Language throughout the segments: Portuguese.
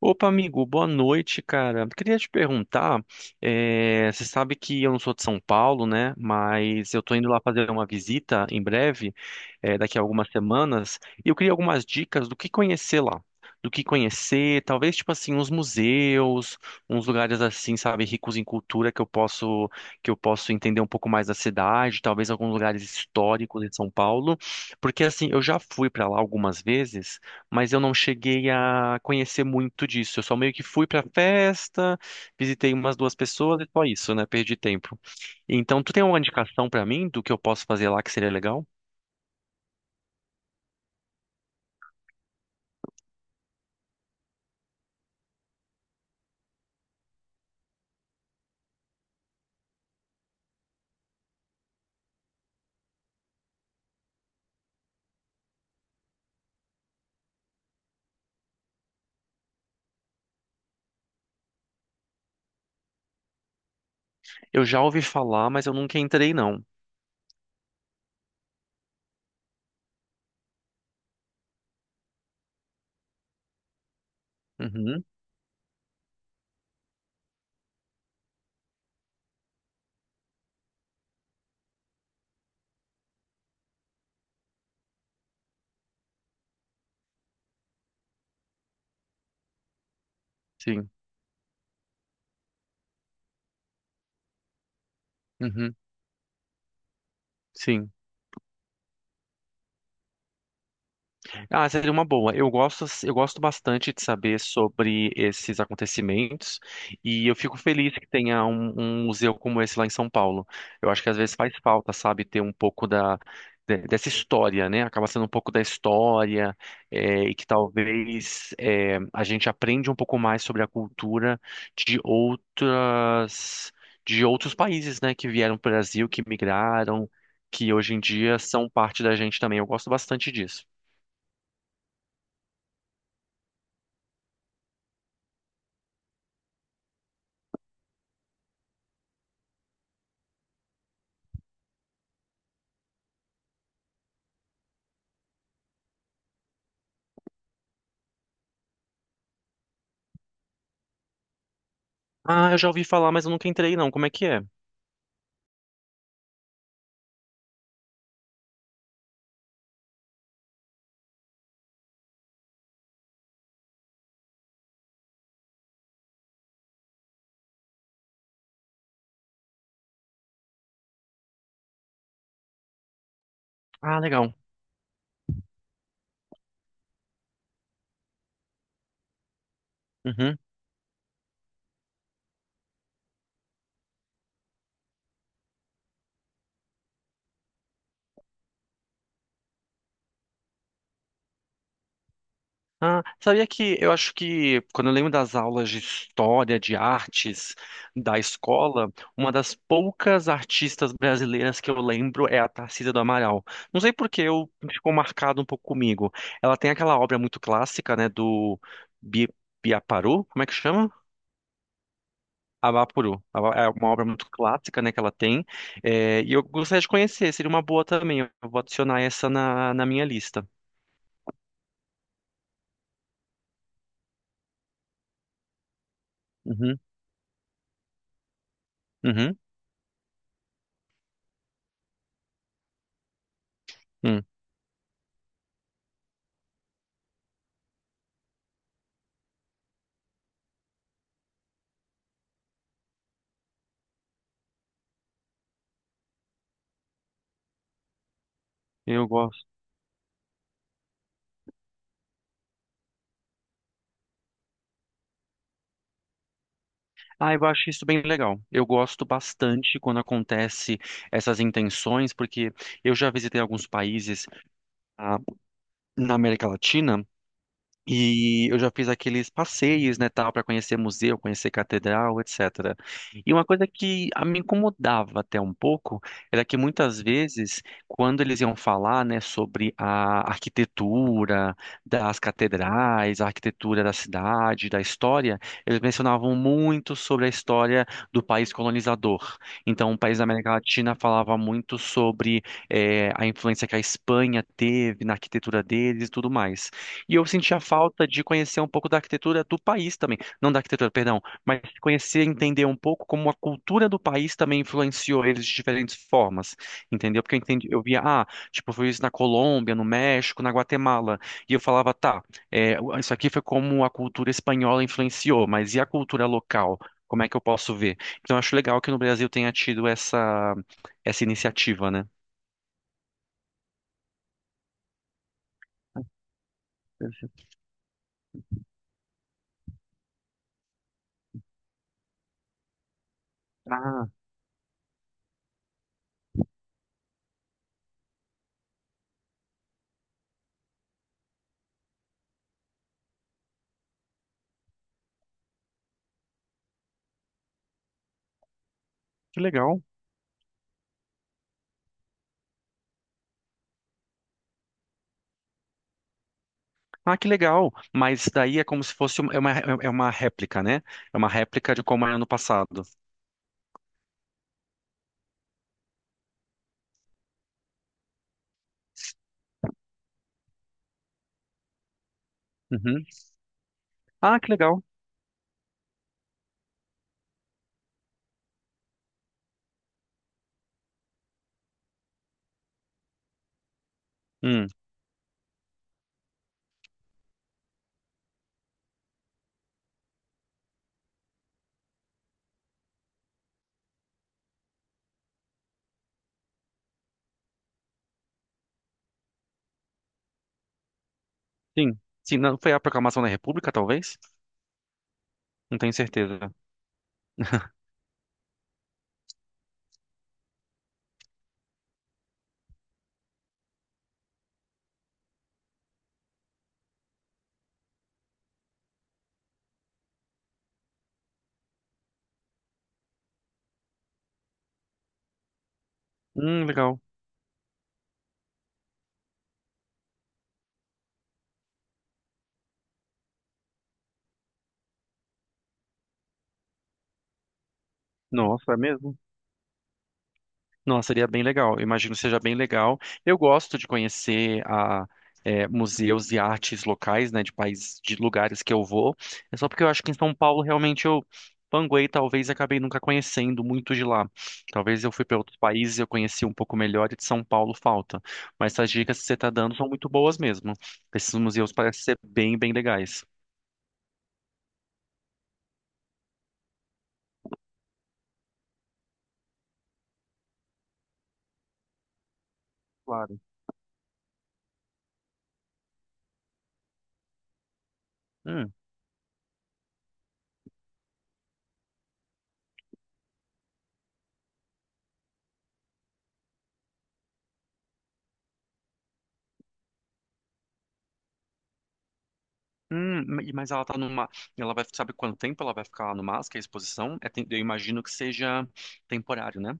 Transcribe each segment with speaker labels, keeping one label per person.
Speaker 1: Opa, amigo, boa noite, cara. Queria te perguntar, você sabe que eu não sou de São Paulo, né? Mas eu tô indo lá fazer uma visita em breve, daqui a algumas semanas, e eu queria algumas dicas do que conhecer lá. Do que conhecer, talvez, tipo assim, uns museus, uns lugares assim, sabe, ricos em cultura que eu posso entender um pouco mais da cidade, talvez alguns lugares históricos de São Paulo, porque assim, eu já fui pra lá algumas vezes mas eu não cheguei a conhecer muito disso. Eu só meio que fui pra festa, visitei umas duas pessoas e só isso, né? Perdi tempo. Então, tu tem alguma indicação pra mim do que eu posso fazer lá que seria legal? Eu já ouvi falar, mas eu nunca entrei, não. Uhum, sim. Uhum, sim. Ah, seria uma boa. Eu gosto bastante de saber sobre esses acontecimentos e eu fico feliz que tenha um museu como esse lá em São Paulo. Eu acho que às vezes faz falta, sabe, ter um pouco da, dessa história, né? Acaba sendo um pouco da história e que a gente aprende um pouco mais sobre a cultura de outras, de outros países, né, que vieram para o Brasil, que migraram, que hoje em dia são parte da gente também. Eu gosto bastante disso. Ah, eu já ouvi falar, mas eu nunca entrei, não. Como é que é? Ah, legal. Uhum. Ah, sabia que eu acho que quando eu lembro das aulas de história, de artes da escola, uma das poucas artistas brasileiras que eu lembro é a Tarsila do Amaral. Não sei por que eu ficou marcado um pouco comigo. Ela tem aquela obra muito clássica, né, do Bi Biaparu, como é que chama? Avapuru. É uma obra muito clássica, né, que ela tem. É, e eu gostaria de conhecer, seria uma boa também. Eu vou adicionar essa na minha lista. Uhum, uhum, hum. Eu gosto. Ah, eu acho isso bem legal. Eu gosto bastante quando acontece essas intenções, porque eu já visitei alguns países, ah, na América Latina. E eu já fiz aqueles passeios, né, tal, para conhecer museu, conhecer catedral, etc. E uma coisa que me incomodava até um pouco era que muitas vezes, quando eles iam falar, né, sobre a arquitetura das catedrais, a arquitetura da cidade, da história, eles mencionavam muito sobre a história do país colonizador. Então, o país da América Latina falava muito sobre a influência que a Espanha teve na arquitetura deles e tudo mais. E eu sentia falta de conhecer um pouco da arquitetura do país também. Não da arquitetura, perdão, mas conhecer, entender um pouco como a cultura do país também influenciou eles de diferentes formas, entendeu? Porque eu entendi, eu via, ah, tipo, eu vi isso na Colômbia, no México, na Guatemala, e eu falava, tá, isso aqui foi como a cultura espanhola influenciou, mas e a cultura local? Como é que eu posso ver? Então, eu acho legal que no Brasil tenha tido essa iniciativa, né? Ah, que legal. Ah, que legal! Mas daí é como se é uma réplica, né? É uma réplica de como era no passado. Uhum. Ah, que legal! Hum, sim. Sim, não foi a proclamação da República, talvez? Não tenho certeza. Legal. Nossa, é mesmo? Nossa, seria bem legal. Eu imagino que seja bem legal. Eu gosto de museus e artes locais, né, de países, de lugares que eu vou. É só porque eu acho que em São Paulo realmente eu panguei, talvez acabei nunca conhecendo muito de lá. Talvez eu fui para outros países e eu conheci um pouco melhor e de São Paulo falta. Mas essas dicas que você está dando são muito boas mesmo. Esses museus parecem ser bem, bem legais. Claro. Mas ela tá numa. Ela vai. Sabe quanto tempo ela vai ficar lá no MASP, que é a exposição? Eu imagino que seja temporário, né?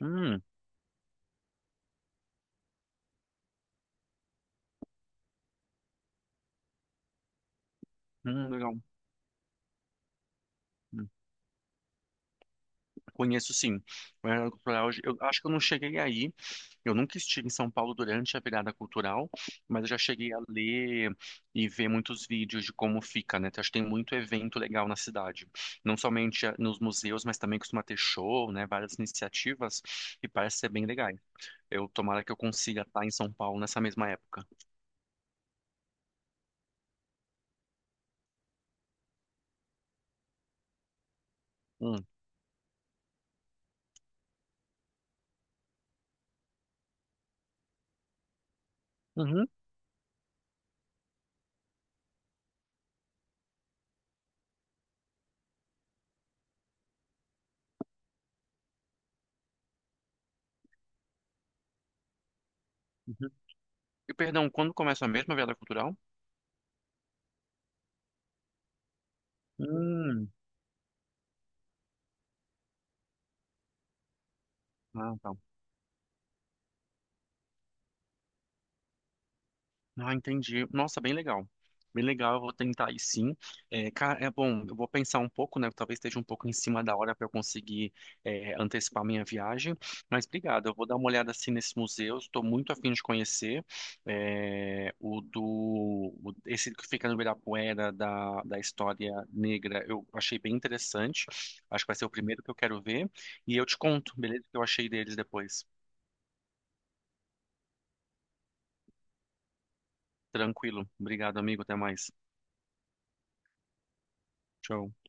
Speaker 1: Hum, legal. Hum, Conheço sim. O Virada Cultural, eu acho que eu não cheguei aí. Eu nunca estive em São Paulo durante a virada cultural, mas eu já cheguei a ler e ver muitos vídeos de como fica, né? Então, acho que tem muito evento legal na cidade. Não somente nos museus, mas também costuma ter show, né? Várias iniciativas e parece ser bem legal. Eu tomara que eu consiga estar em São Paulo nessa mesma época. Hum. Uhum. Uhum. E perdão, quando começa a mesma virada cultural? Hum. Ah, tá. Ah, entendi. Nossa, bem legal. Bem legal, eu vou tentar aí sim. É bom, eu vou pensar um pouco, né? Talvez esteja um pouco em cima da hora para eu conseguir antecipar minha viagem. Mas obrigado, eu vou dar uma olhada assim nesses museus. Estou muito afim de conhecer esse que fica no Ibirapuera da história negra. Eu achei bem interessante. Acho que vai ser o primeiro que eu quero ver. E eu te conto, beleza? O que eu achei deles depois. Tranquilo. Obrigado, amigo. Até mais. Tchau.